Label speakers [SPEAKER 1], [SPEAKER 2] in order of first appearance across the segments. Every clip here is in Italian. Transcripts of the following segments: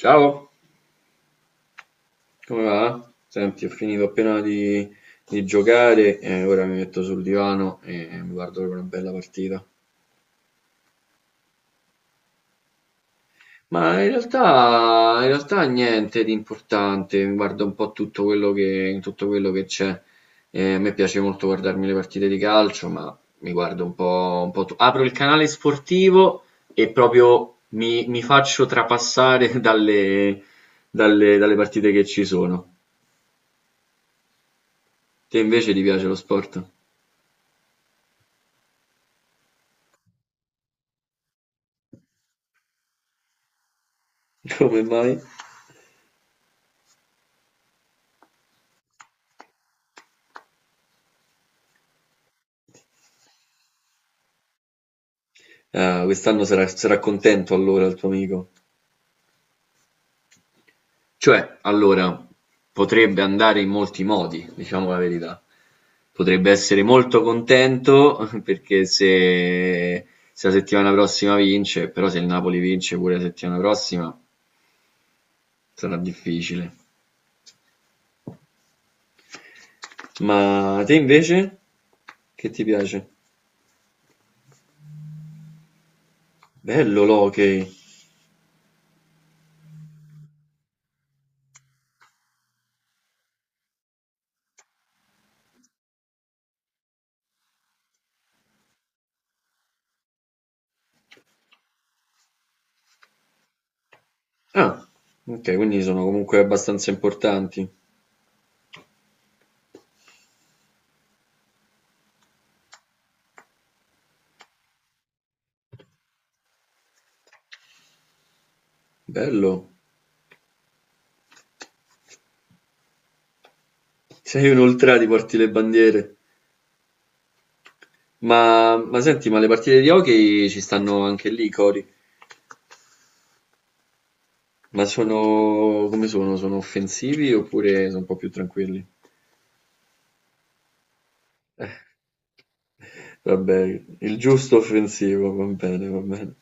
[SPEAKER 1] Ciao, come va? Senti, ho finito appena di giocare e ora mi metto sul divano e mi guardo una bella partita. Ma in realtà niente di importante, mi guardo un po' tutto quello che c'è. A me piace molto guardarmi le partite di calcio, ma mi guardo un po'. Apro il canale sportivo e proprio mi faccio trapassare dalle partite che ci sono. Te invece ti piace lo sport? Come mai? Ah, quest'anno sarà contento allora il tuo amico. Cioè, allora, potrebbe andare in molti modi, diciamo la verità. Potrebbe essere molto contento perché se la settimana prossima vince, però se il Napoli vince pure la settimana prossima sarà difficile. Ma te invece? Che ti piace? Bello l'hockey. Ah, ok, quindi sono comunque abbastanza importanti. Bello. Sei un ultra, ti porti le bandiere. Ma senti, ma le partite di hockey ci stanno anche lì, Cori? Ma sono come sono? Sono offensivi oppure sono un po' più tranquilli? Vabbè, il giusto offensivo, va bene, va bene.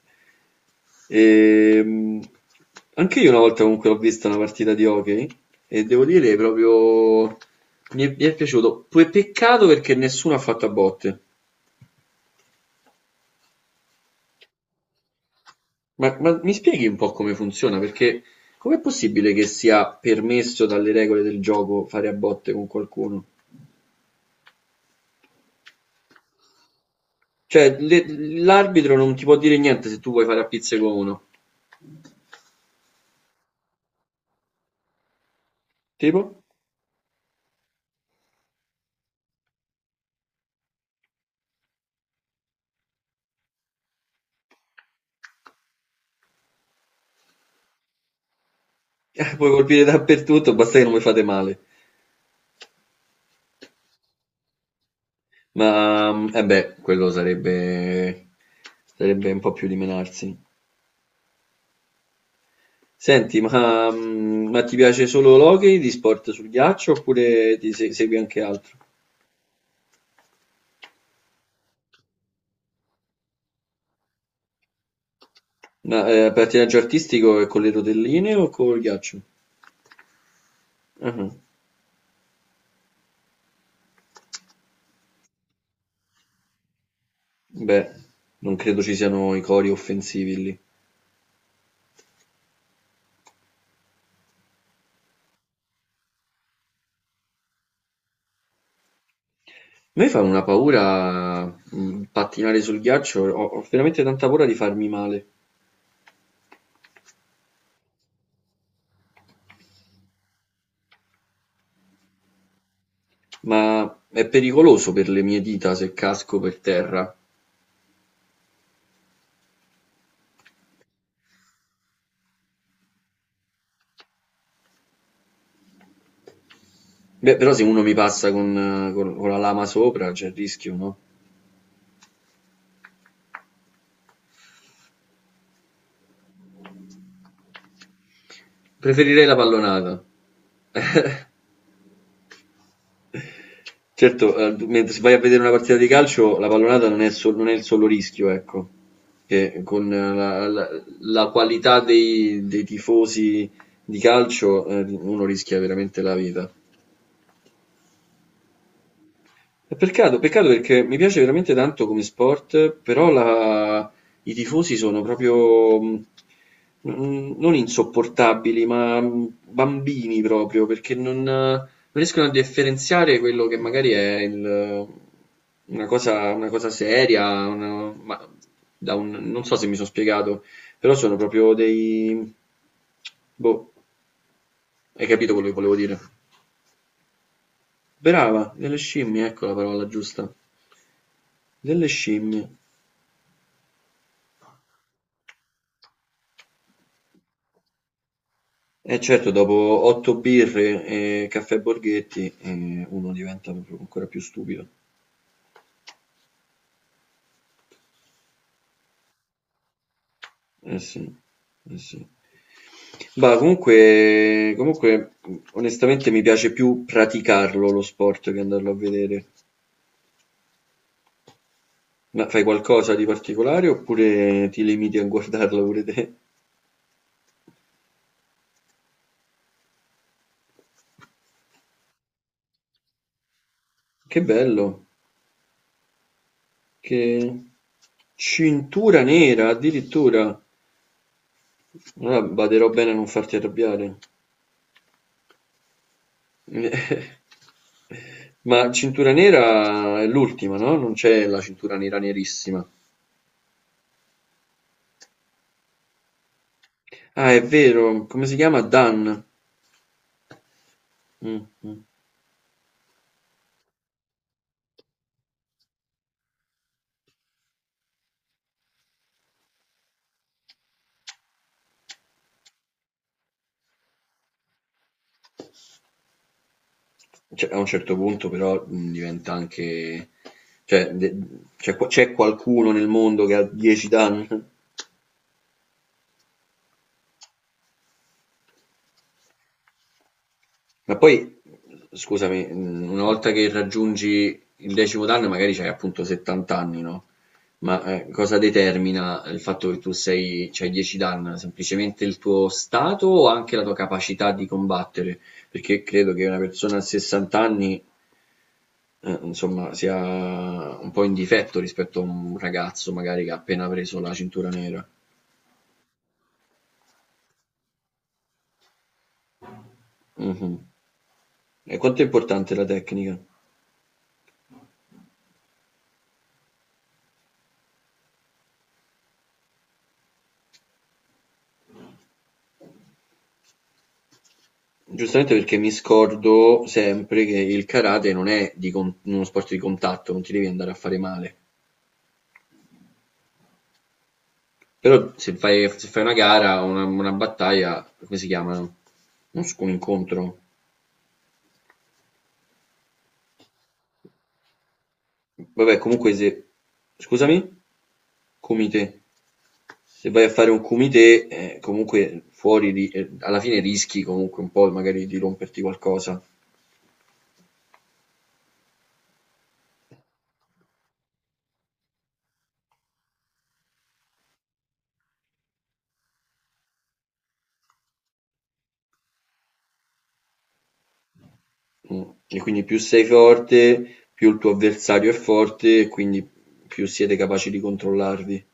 [SPEAKER 1] Ehm, anche io una volta comunque ho visto una partita di hockey e devo dire proprio mi è piaciuto. Poi peccato perché nessuno ha fatto a botte. Ma mi spieghi un po' come funziona? Perché com'è possibile che sia permesso dalle regole del gioco fare a botte con qualcuno? Cioè, l'arbitro non ti può dire niente se tu vuoi fare a pizze con uno. Tipo? Puoi colpire dappertutto, basta che non vi fate male. Ma, eh beh, quello sarebbe un po' più di menarsi. Senti, ma ti piace solo l'hockey di sport sul ghiaccio oppure ti segui anche altro? Ma pattinaggio artistico è con le rotelline o col ghiaccio? Ah, beh, non credo ci siano i cori offensivi lì. A me fa una paura, pattinare sul ghiaccio, ho veramente tanta paura di farmi male, ma è pericoloso per le mie dita se casco per terra. Beh, però se uno mi passa con la lama sopra c'è il rischio, no? Preferirei la pallonata. Certo, d mentre se vai a vedere una partita di calcio la pallonata non è il solo rischio, ecco, che con la qualità dei tifosi di calcio, uno rischia veramente la vita. È peccato, peccato perché mi piace veramente tanto come sport, però i tifosi sono proprio non insopportabili, ma bambini proprio, perché non riescono a differenziare quello che magari è una cosa, seria, ma da non so se mi sono spiegato, però sono proprio dei... Boh, hai capito quello che volevo dire? Brava, delle scimmie, ecco la parola giusta. Delle scimmie. Eh certo, dopo 8 birre e caffè Borghetti, uno diventa proprio ancora più stupido. Eh sì, eh sì. Bah, comunque, onestamente mi piace più praticarlo lo sport che andarlo a vedere. Ma fai qualcosa di particolare oppure ti limiti a guardarlo pure te? Che bello, che cintura nera addirittura. Allora, baderò bene a non farti arrabbiare. Ma cintura nera è l'ultima, no? Non c'è la cintura nera nerissima. Ah, è vero, come si chiama? Dan. Mh, mh. Cioè, a un certo punto però diventa anche... Cioè, c'è qualcuno nel mondo che ha 10 Dan? Ma poi, scusami, una volta che raggiungi il decimo danno, magari c'hai appunto 70 anni, no? Ma cosa determina il fatto che tu sei, c'hai 10 danni? Semplicemente il tuo stato o anche la tua capacità di combattere? Perché credo che una persona a 60 anni, insomma, sia un po' in difetto rispetto a un ragazzo magari che ha appena preso la cintura nera. Mhm. E quanto è importante la tecnica? Giustamente perché mi scordo sempre che il karate non è uno sport di contatto, non ti devi andare a fare male. Però se fai una, gara, una battaglia, come si chiamano? Non so, un incontro. Vabbè, comunque se... Scusami? Kumite. Se vai a fare un kumite, comunque fuori di... alla fine rischi comunque un po' magari di romperti qualcosa. Mm. E quindi più sei forte, più il tuo avversario è forte, e quindi più siete capaci di controllarvi.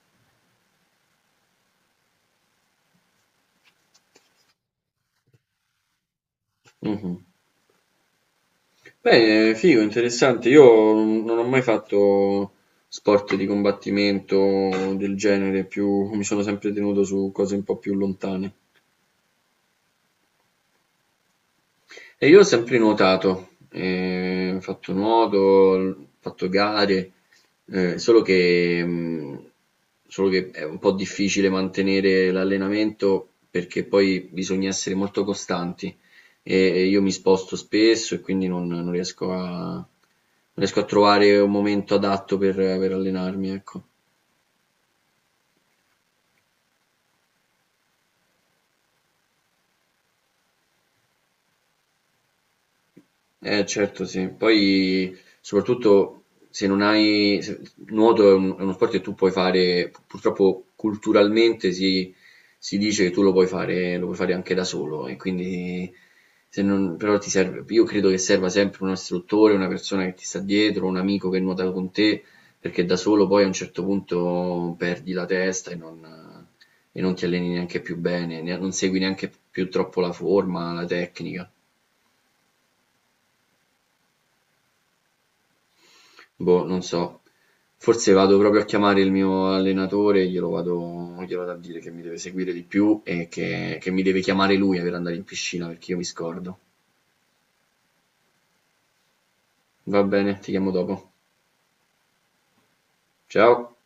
[SPEAKER 1] Mh-mh. Beh, figo, interessante. Io non ho mai fatto sport di combattimento del genere, più mi sono sempre tenuto su cose un po' più lontane. E io ho sempre nuotato, ho fatto nuoto, ho fatto gare, ehm, solo che, mhmm, solo che è un po' difficile mantenere l'allenamento perché poi bisogna essere molto costanti e io mi sposto spesso e quindi non riesco a trovare un momento adatto per allenarmi, ecco. Eh certo sì, poi soprattutto se non hai... nuoto è è uno sport che tu puoi fare, purtroppo culturalmente si dice che tu lo puoi fare anche da solo e quindi se non, però ti serve, io credo che serva sempre un istruttore, una persona che ti sta dietro, un amico che nuota con te, perché da solo poi a un certo punto perdi la testa e non ti alleni neanche più bene, non segui neanche più troppo la forma, la tecnica. Boh, non so. Forse vado proprio a chiamare il mio allenatore e glielo vado a dire che mi deve seguire di più e che mi deve chiamare lui per andare in piscina perché io mi scordo. Va bene, ti chiamo dopo. Ciao.